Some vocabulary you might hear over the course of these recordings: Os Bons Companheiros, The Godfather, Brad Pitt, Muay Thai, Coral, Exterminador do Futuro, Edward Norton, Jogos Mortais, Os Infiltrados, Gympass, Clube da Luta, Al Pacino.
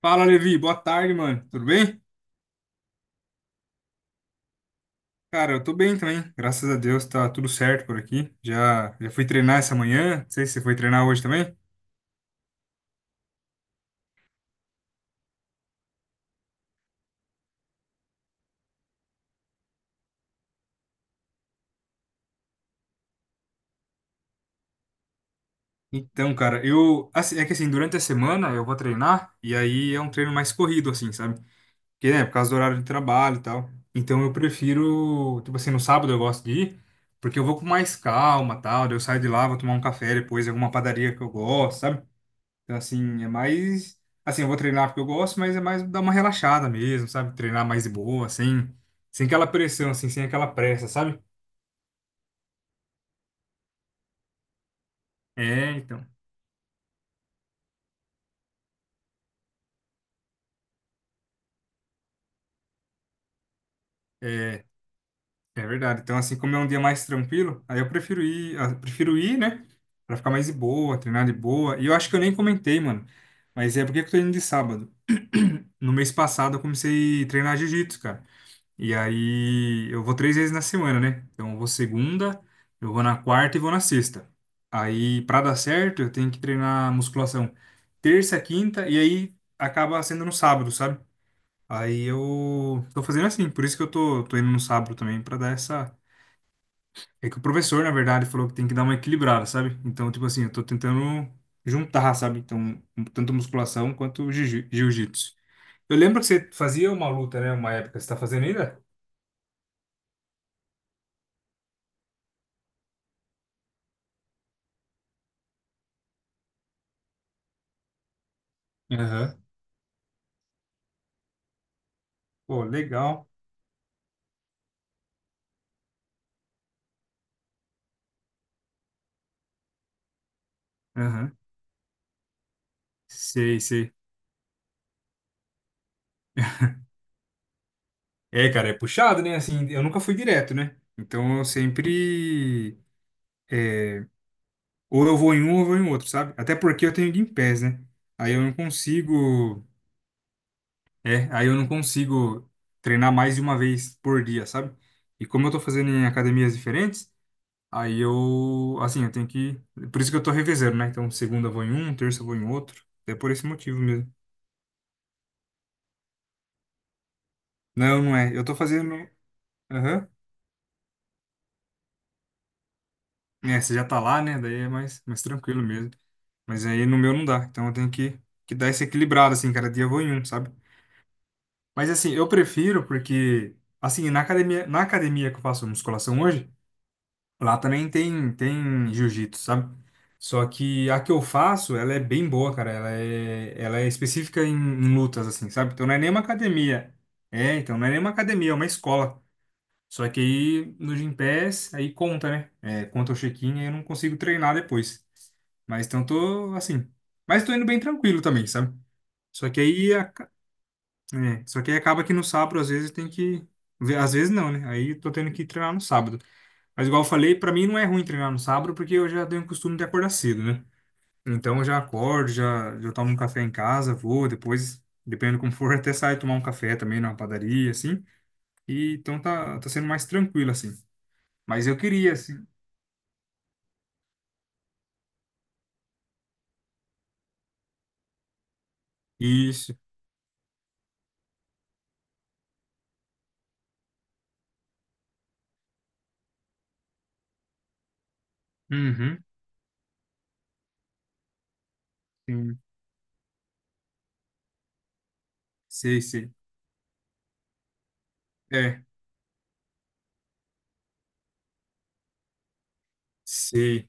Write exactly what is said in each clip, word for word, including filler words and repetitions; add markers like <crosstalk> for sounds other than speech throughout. Fala, Levi. Boa tarde, mano. Tudo bem? Cara, eu tô bem também. Graças a Deus tá tudo certo por aqui. Já, já fui treinar essa manhã. Não sei se você foi treinar hoje também. Então, cara, eu. Assim, é que assim, durante a semana eu vou treinar e aí é um treino mais corrido, assim, sabe? Porque, né, por causa do horário de trabalho e tal. Então eu prefiro. Tipo assim, no sábado eu gosto de ir, porque eu vou com mais calma e tal. Daí eu saio de lá, vou tomar um café depois em alguma padaria que eu gosto, sabe? Então, assim, é mais. Assim, eu vou treinar porque eu gosto, mas é mais dar uma relaxada mesmo, sabe? Treinar mais de boa, sem, sem aquela pressão, assim, sem aquela pressa, sabe? É, então. É, é verdade. Então, assim, como é um dia mais tranquilo, aí eu prefiro ir, ah, prefiro ir, né? Pra ficar mais de boa, treinar de boa. E eu acho que eu nem comentei, mano. Mas é porque que eu tô indo de sábado. <clears throat> No mês passado eu comecei a treinar jiu-jitsu, cara. E aí eu vou três vezes na semana, né? Então eu vou segunda, eu vou na quarta e vou na sexta. Aí pra dar certo, eu tenho que treinar musculação terça, quinta e aí acaba sendo no sábado, sabe? Aí eu tô fazendo assim, por isso que eu tô, tô indo no sábado também pra dar essa. É que o professor, na verdade, falou que tem que dar uma equilibrada, sabe? Então, tipo assim, eu tô tentando juntar, sabe? Então, tanto musculação quanto jiu- jiu-jitsu. Eu lembro que você fazia uma luta, né? Uma época, você tá fazendo ainda? Aham. Pô, legal. Aham. Sei, sei. É, cara, é puxado, né? Assim, eu nunca fui direto, né? Então eu sempre. é, ou eu vou em um ou eu vou em outro, sabe? Até porque eu tenho Gympass, né? Aí eu não consigo. É, aí eu não consigo treinar mais de uma vez por dia, sabe? E como eu tô fazendo em academias diferentes, aí eu. Assim, eu tenho que. Por isso que eu tô revezando, né? Então segunda eu vou em um, terça eu vou em outro. É por esse motivo mesmo. Não, não é. Eu tô fazendo. Aham. É, você já tá lá, né? Daí é mais, mais tranquilo mesmo. Mas aí no meu não dá. Então eu tenho que, que dar esse equilibrado, assim, cada dia eu vou em um, sabe? Mas assim, eu prefiro porque, assim, na academia, na academia que eu faço musculação hoje, lá também tem, tem jiu-jitsu, sabe? Só que a que eu faço, ela é bem boa, cara. Ela é, ela é específica em, em lutas, assim, sabe? Então não é nem uma academia. É, então não é nem uma academia, é uma escola. Só que aí no Gympass, aí conta, né? É, conta o check-in e eu não consigo treinar depois. Mas então tô assim. Mas tô indo bem tranquilo também, sabe? Só que aí, aca- é, só que aí acaba que no sábado, às vezes, tem que. Às vezes não, né? Aí eu tô tendo que treinar no sábado. Mas igual eu falei, pra mim não é ruim treinar no sábado, porque eu já tenho o costume de acordar cedo, né? Então eu já acordo, já, já tomo um café em casa, vou, depois, dependendo como for, <laughs> até saio tomar um café também numa padaria, assim. E então tá, tá sendo mais tranquilo, assim. Mas eu queria, assim. Isso. Uhum. Sim. Sei, sei. É, sei.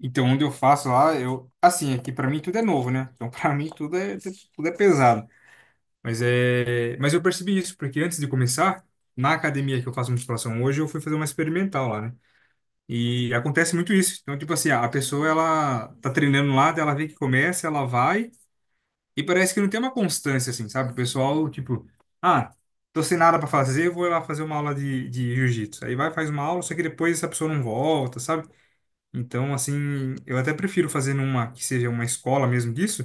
Então, onde eu faço lá, eu. Assim, aqui pra mim tudo é novo, né? Então, <laughs> pra mim tudo é, tudo é pesado. Mas é. Mas eu percebi isso, porque antes de começar, na academia que eu faço musculação hoje, eu fui fazer uma experimental lá, né? E acontece muito isso. Então, tipo assim, a pessoa, ela tá treinando lá, daí ela vê que começa, ela vai. E parece que não tem uma constância, assim, sabe? O pessoal, tipo, ah, tô sem nada pra fazer, vou lá fazer uma aula de, de jiu-jitsu. Aí vai, faz uma aula, só que depois essa pessoa não volta, sabe? Então, assim, eu até prefiro fazer numa que seja uma escola mesmo disso,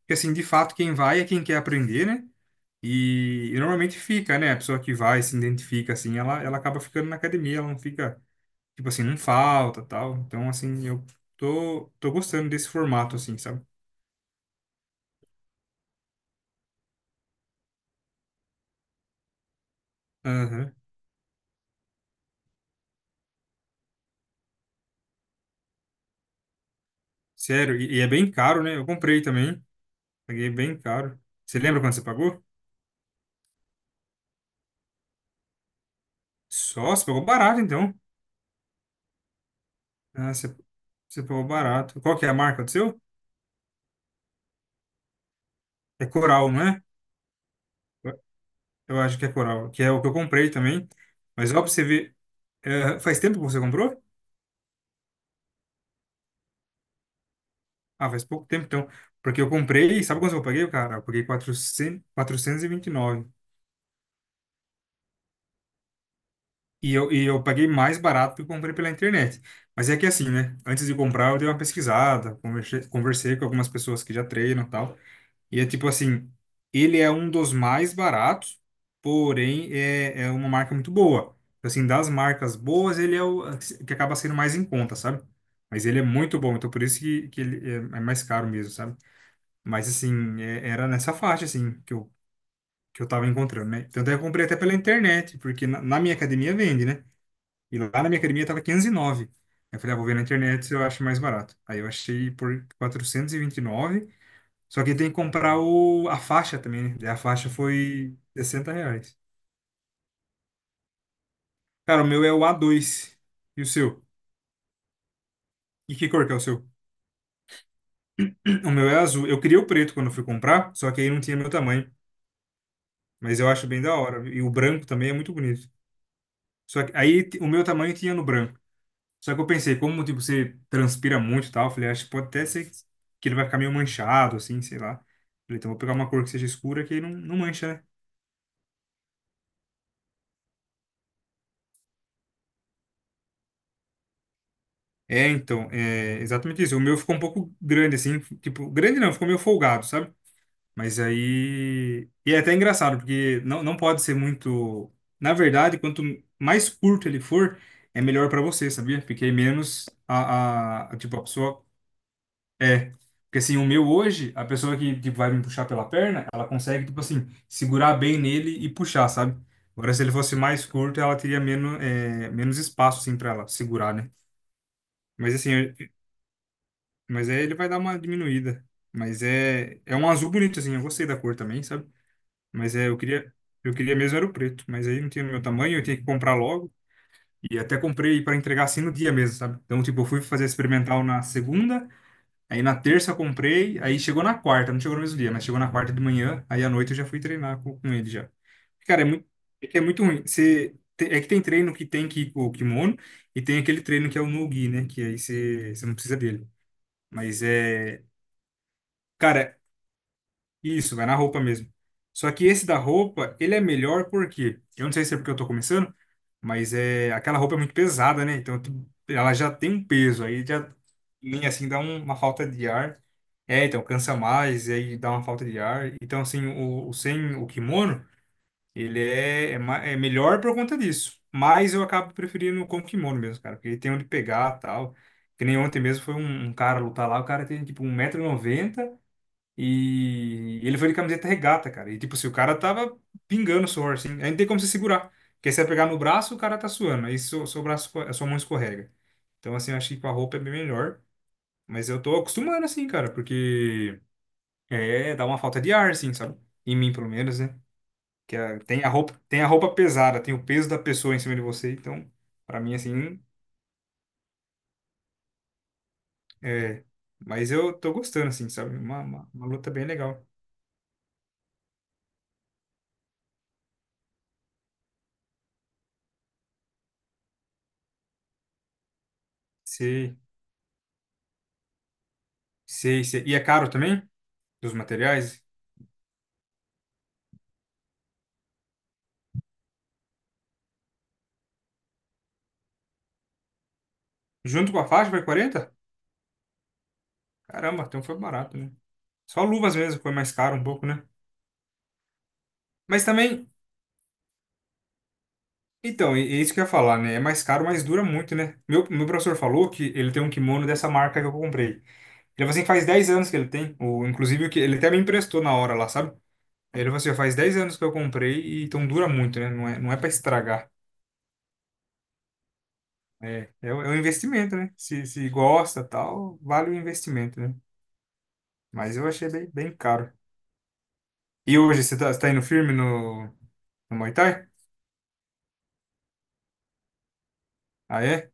porque, assim, de fato, quem vai é quem quer aprender, né? E, e normalmente fica, né? A pessoa que vai, se identifica, assim, ela, ela acaba ficando na academia, ela não fica, tipo assim, não falta, tal. Então, assim, eu tô, tô gostando desse formato, assim, sabe? Aham. Sério, e, e é bem caro, né? Eu comprei também. Paguei bem caro. Você lembra quanto você pagou? Só, você pagou barato, então. Ah, você, você pagou barato. Qual que é a marca do seu? É Coral, não é? Eu eu acho que é Coral, que é o que eu comprei também. Mas ó, pra você ver, eh, faz tempo que você comprou? Ah, faz pouco tempo, então. Porque eu comprei, sabe quanto eu paguei, cara? Eu paguei quatrocentos, quatrocentos e vinte e nove. E vinte e nove. E eu, e eu paguei mais barato que eu comprei pela internet. Mas é que é assim, né? Antes de comprar, eu dei uma pesquisada, conversei, conversei com algumas pessoas que já treinam e tal. E é tipo assim, ele é um dos mais baratos, porém é, é uma marca muito boa. Assim, das marcas boas, ele é o que acaba sendo mais em conta, sabe? Mas ele é muito bom, então por isso que, que ele é é mais caro mesmo, sabe? Mas assim, é- era nessa faixa, assim, que eu, que eu tava encontrando, né? Tanto é que eu comprei até pela internet, porque na, na minha academia vende, né? E lá na minha academia tava quinhentos e nove. Eu falei, ah, vou ver na internet se eu acho mais barato. Aí eu achei por quatrocentos e vinte e nove reais. Só que tem que comprar o, a faixa também, né? Daí a faixa foi sessenta reais. Cara, o meu é o A dois. E o seu? E que cor que é o seu? <clears throat> O meu é azul. Eu queria o preto quando eu fui comprar, só que aí não tinha meu tamanho. Mas eu acho bem da hora. E o branco também é muito bonito. Só que aí t- o meu tamanho tinha no branco. Só que eu pensei, como tipo, você transpira muito e tal, eu falei, acho que pode até ser que ele vai ficar meio manchado, assim, sei lá. Falei, então vou pegar uma cor que seja escura que aí não, não mancha, né? É, então, é exatamente isso. O meu ficou um pouco grande, assim, tipo, grande não, ficou meio folgado, sabe? Mas aí. E é até engraçado, porque não, não pode ser muito. Na verdade, quanto mais curto ele for, é melhor pra você, sabia? Porque aí menos a, a, a- tipo, a pessoa. É. Porque assim, o meu hoje, a pessoa que tipo, vai me puxar pela perna, ela consegue, tipo assim, segurar bem nele e puxar, sabe? Agora, se ele fosse mais curto, ela teria menos, é, menos espaço, assim, pra ela segurar, né? Mas assim, Mas aí ele vai dar uma diminuída. Mas é, é um azul bonito, assim. Eu gostei da cor também, sabe? Mas é, eu queria, eu queria mesmo era o preto. Mas aí não tinha no meu tamanho, eu tinha que comprar logo. E até comprei para entregar assim no dia mesmo, sabe? Então, tipo, eu fui fazer experimental na segunda, aí na terça eu comprei, aí chegou na quarta, não chegou no mesmo dia, mas chegou na quarta de manhã, aí à noite eu já fui treinar com, com ele já. Cara, é muito, é que é muito ruim. Você, te- é que tem treino que tem que ir com o kimono e tem aquele treino que é o no-gi, né? Que aí você, você não precisa dele. Mas é. Cara, isso, vai na roupa mesmo. Só que esse da roupa, ele é melhor porque, eu não sei se é porque eu tô começando, mas é aquela roupa é muito pesada, né? Então tu- ela já tem um peso, aí já em assim dá um- uma falta de ar. É, então cansa mais, e aí dá uma falta de ar. Então assim, o, o sem o kimono, ele é, é, ma- é melhor por conta disso. Mas eu acabo preferindo com o kimono mesmo, cara, porque ele tem onde pegar, tal. Que nem ontem mesmo foi um, um cara lutar lá, o cara tem tipo um 190 noventa e ele foi de camiseta regata, cara. E tipo, se o cara tava pingando suor, assim, aí não tem como você segurar. Porque se você pegar no braço, o cara tá suando. Aí seu, seu braço, esco- a sua mão escorrega. Então, assim, eu acho que com a roupa é bem melhor. Mas eu tô acostumando, assim, cara, porque é, dá uma falta de ar, assim, sabe? Em mim, pelo menos, né? Que a- tem a roupa, tem a roupa pesada, tem o peso da pessoa em cima de você. Então, pra mim, assim, é. Mas eu tô gostando, assim, sabe? Uma, uma, uma luta bem legal. Sei, sei, sei. E é caro também? Dos materiais? Junto com a faixa vai quarenta. Caramba, então foi barato, né? Só luvas mesmo foi mais caro um pouco, né? Mas também, então, é é isso que eu ia falar, né? É mais caro, mas dura muito, né? Meu, meu professor falou que ele tem um kimono dessa marca que eu comprei. Ele falou assim, faz dez anos que ele tem, o, inclusive o que ele até me emprestou na hora lá, sabe? Ele falou assim, "Ó, faz dez anos que eu comprei, e então dura muito, né? Não é, não é para estragar. É, é, um- é um investimento, né? Se, se gosta, tal, vale o investimento, né? Mas eu achei bem, bem caro. E hoje você tá, você tá indo firme no, no Muay Thai? Ah, é?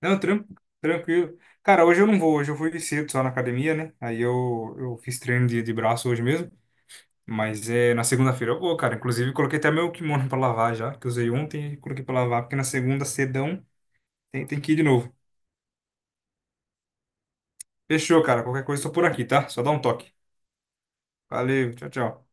Não, tran- tranquilo. Cara, hoje eu não vou, hoje eu fui cedo só na academia, né? Aí eu, eu fiz treino de, de braço hoje mesmo. Mas é na segunda-feira eu vou, cara. Inclusive, coloquei até meu kimono pra lavar já, que eu usei ontem e coloquei pra lavar, porque na segunda, cedão, tem, tem que ir de novo. Fechou, cara. Qualquer coisa, eu tô por aqui, tá? Só dá um toque. Valeu, tchau, tchau.